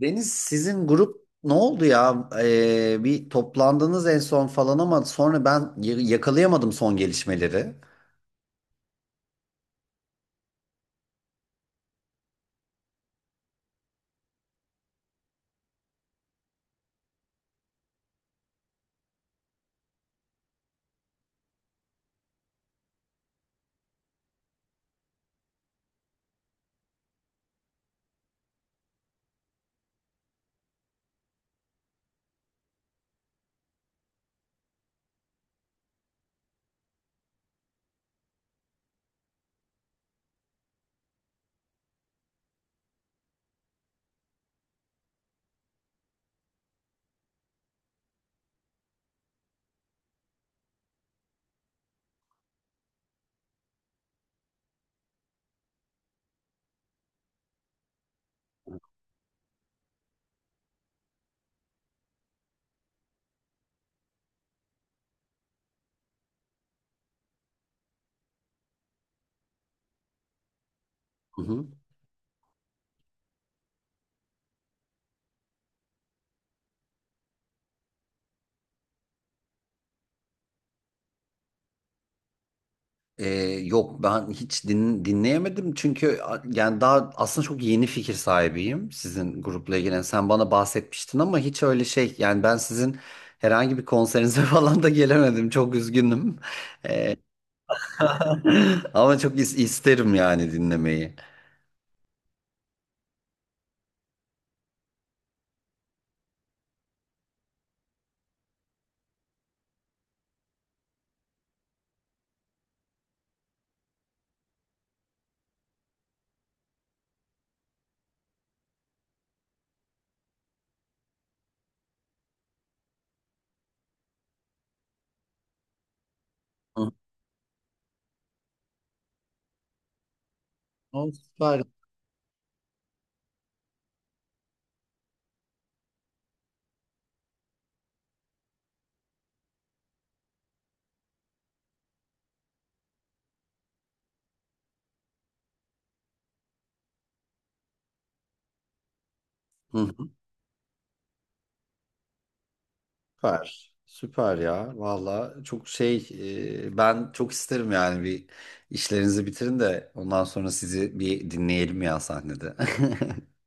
Deniz, sizin grup ne oldu ya? Bir toplandınız en son falan ama sonra yakalayamadım son gelişmeleri. Hı hı. Ee, Yok, ben hiç dinleyemedim çünkü yani daha aslında çok yeni fikir sahibiyim sizin grupla ilgili. Yani sen bana bahsetmiştin ama hiç öyle şey, yani ben sizin herhangi bir konserinize falan da gelemedim. Çok üzgünüm. Ama çok isterim yani dinlemeyi. Hı. O süper. Hı. Süper. Süper ya. Valla çok şey, ben çok isterim yani bir, işlerinizi bitirin de ondan sonra sizi bir dinleyelim ya sahnede.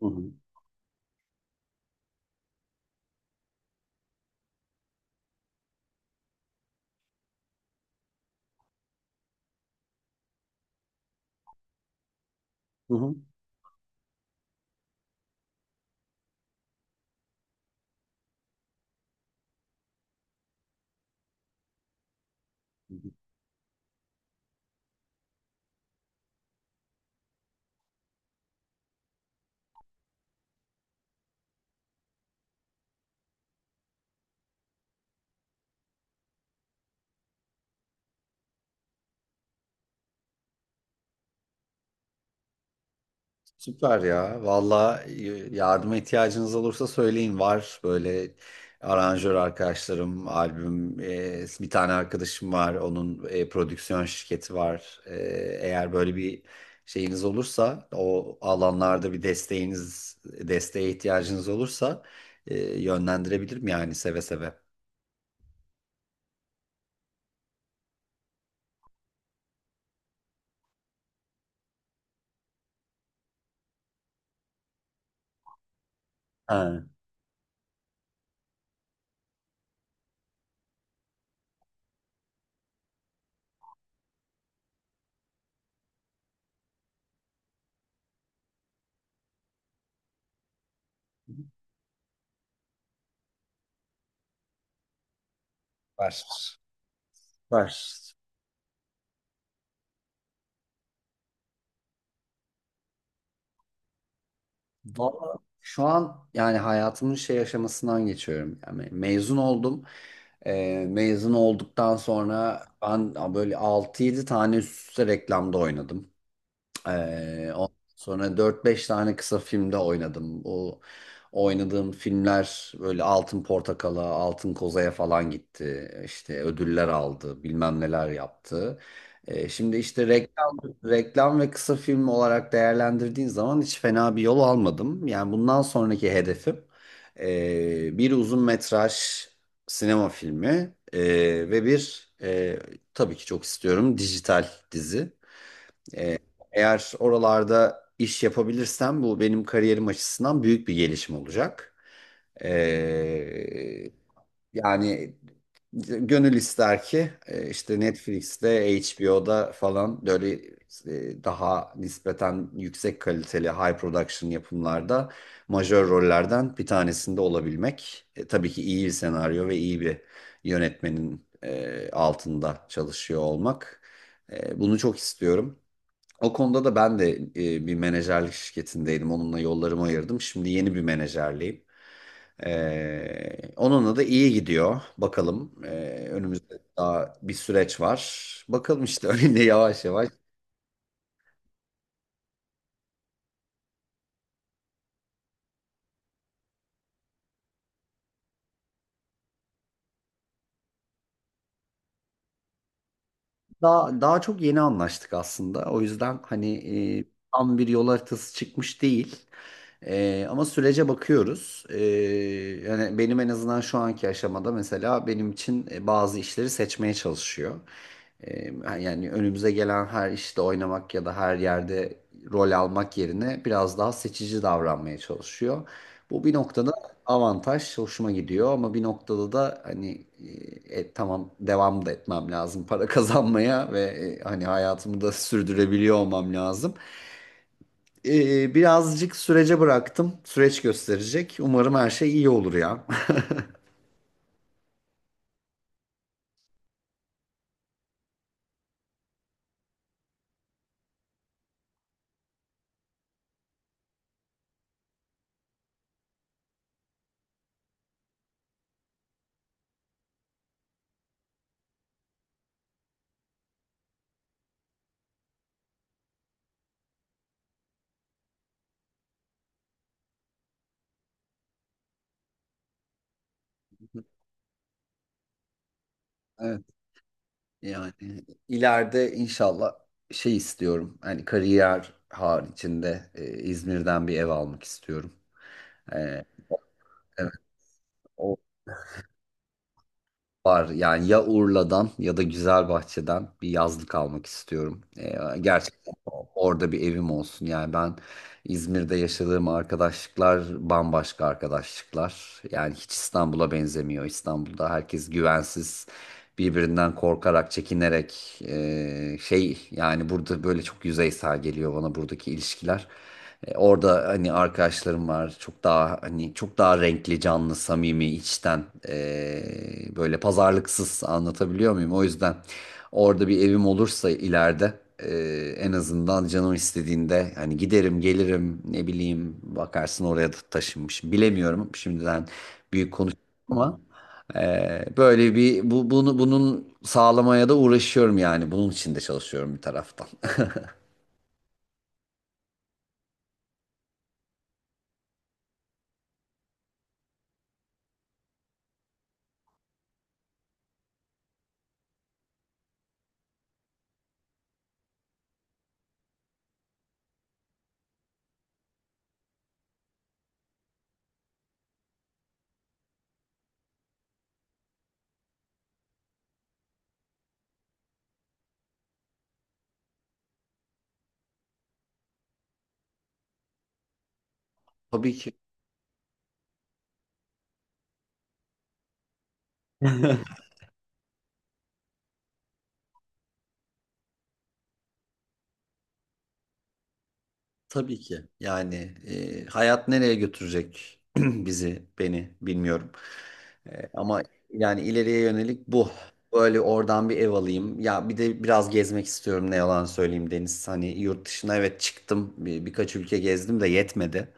Hı hı. Hı hı. Süper ya. Valla yardıma ihtiyacınız olursa söyleyin. Var böyle aranjör arkadaşlarım, albüm, bir tane arkadaşım var. Onun prodüksiyon şirketi var. Eğer böyle bir şeyiniz olursa, o alanlarda bir desteğiniz, desteğe ihtiyacınız olursa, yönlendirebilirim yani seve seve. Ha. Var. Var. Valla şu an yani hayatımın şey aşamasından geçiyorum. Yani mezun oldum. Mezun olduktan sonra ben böyle altı yedi tane üst üste reklamda oynadım. Ondan sonra dört beş tane kısa filmde oynadım. O oynadığım filmler böyle Altın Portakal'a, Altın Koza'ya falan gitti. İşte ödüller aldı, bilmem neler yaptı. Şimdi işte reklam ve kısa film olarak değerlendirdiğin zaman hiç fena bir yol almadım. Yani bundan sonraki hedefim bir uzun metraj sinema filmi ve bir tabii ki çok istiyorum, dijital dizi. Eğer oralarda iş yapabilirsem bu benim kariyerim açısından büyük bir gelişim olacak. Ee, Yani gönül ister ki işte Netflix'te, HBO'da falan böyle, daha nispeten yüksek kaliteli high production yapımlarda majör rollerden bir tanesinde olabilmek. Tabii ki iyi bir senaryo ve iyi bir yönetmenin altında çalışıyor olmak. Bunu çok istiyorum. O konuda da ben de bir menajerlik şirketindeydim. Onunla yollarımı ayırdım. Şimdi yeni bir menajerliyim. Onunla da iyi gidiyor. Bakalım. Önümüzde daha bir süreç var. Bakalım işte öyle yavaş yavaş. Daha çok yeni anlaştık aslında. O yüzden hani, e, tam bir yol haritası çıkmış değil. Ama sürece bakıyoruz. Yani benim en azından şu anki aşamada, mesela benim için, bazı işleri seçmeye çalışıyor. Ee, Yani önümüze gelen her işte oynamak ya da her yerde rol almak yerine biraz daha seçici davranmaya çalışıyor. Bu bir noktada avantaj, hoşuma gidiyor ama bir noktada da hani, tamam, devam da etmem lazım para kazanmaya ve e, hani hayatımı da sürdürebiliyor olmam lazım. Birazcık sürece bıraktım. Süreç gösterecek. Umarım her şey iyi olur ya. Yani ileride inşallah şey istiyorum. Hani kariyer haricinde, İzmir'den bir ev almak istiyorum. E, evet, o, var yani, ya Urla'dan ya da Güzelbahçe'den bir yazlık almak istiyorum. Gerçekten orada bir evim olsun. Yani ben İzmir'de yaşadığım arkadaşlıklar bambaşka arkadaşlıklar. Yani hiç İstanbul'a benzemiyor. İstanbul'da herkes güvensiz, birbirinden korkarak, çekinerek, şey, yani burada böyle çok yüzeysel geliyor bana buradaki ilişkiler. Orada hani arkadaşlarım var. Çok daha hani, çok daha renkli, canlı, samimi, içten, böyle pazarlıksız, anlatabiliyor muyum? O yüzden orada bir evim olursa ileride, en azından canım istediğinde hani giderim, gelirim, ne bileyim, bakarsın oraya da taşınmış. Bilemiyorum. Şimdiden büyük konuş ama böyle bir bu, bunun sağlamaya da uğraşıyorum yani. Bunun için de çalışıyorum bir taraftan. Tabii ki Tabii ki. Yani, hayat nereye götürecek bizi, beni, bilmiyorum. Ama yani ileriye yönelik bu. Böyle oradan bir ev alayım. Ya bir de biraz gezmek istiyorum, ne yalan söyleyeyim Deniz. Hani yurt dışına evet çıktım. Birkaç ülke gezdim de yetmedi.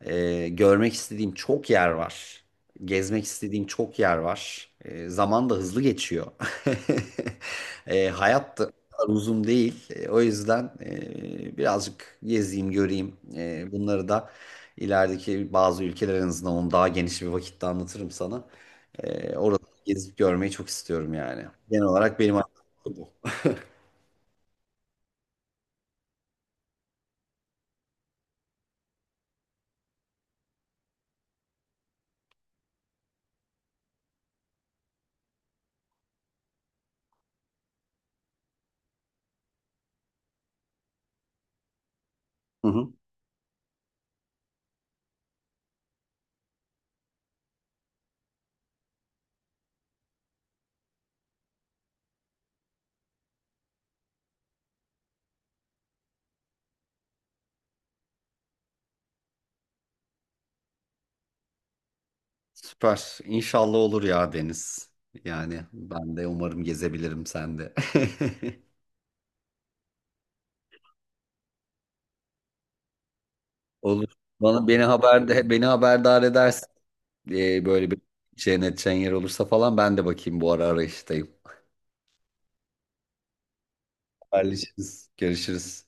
Görmek istediğim çok yer var. Gezmek istediğim çok yer var. Zaman da hızlı geçiyor. Hayat da kadar uzun değil. O yüzden birazcık gezeyim, göreyim. Bunları da ilerideki bazı ülkeler, en azından onu daha geniş bir vakitte anlatırım sana. Orada gezip görmeyi çok istiyorum yani. Genel olarak benim aklımda bu. Hı hı. Süper. İnşallah olur ya Deniz. Yani ben de umarım gezebilirim, sen de. Olur. Bana beni haberde beni haberdar edersin. Böyle bir cennet yer olursa falan ben de bakayım, bu ara arayıştayım. Haberleşiriz. Görüşürüz.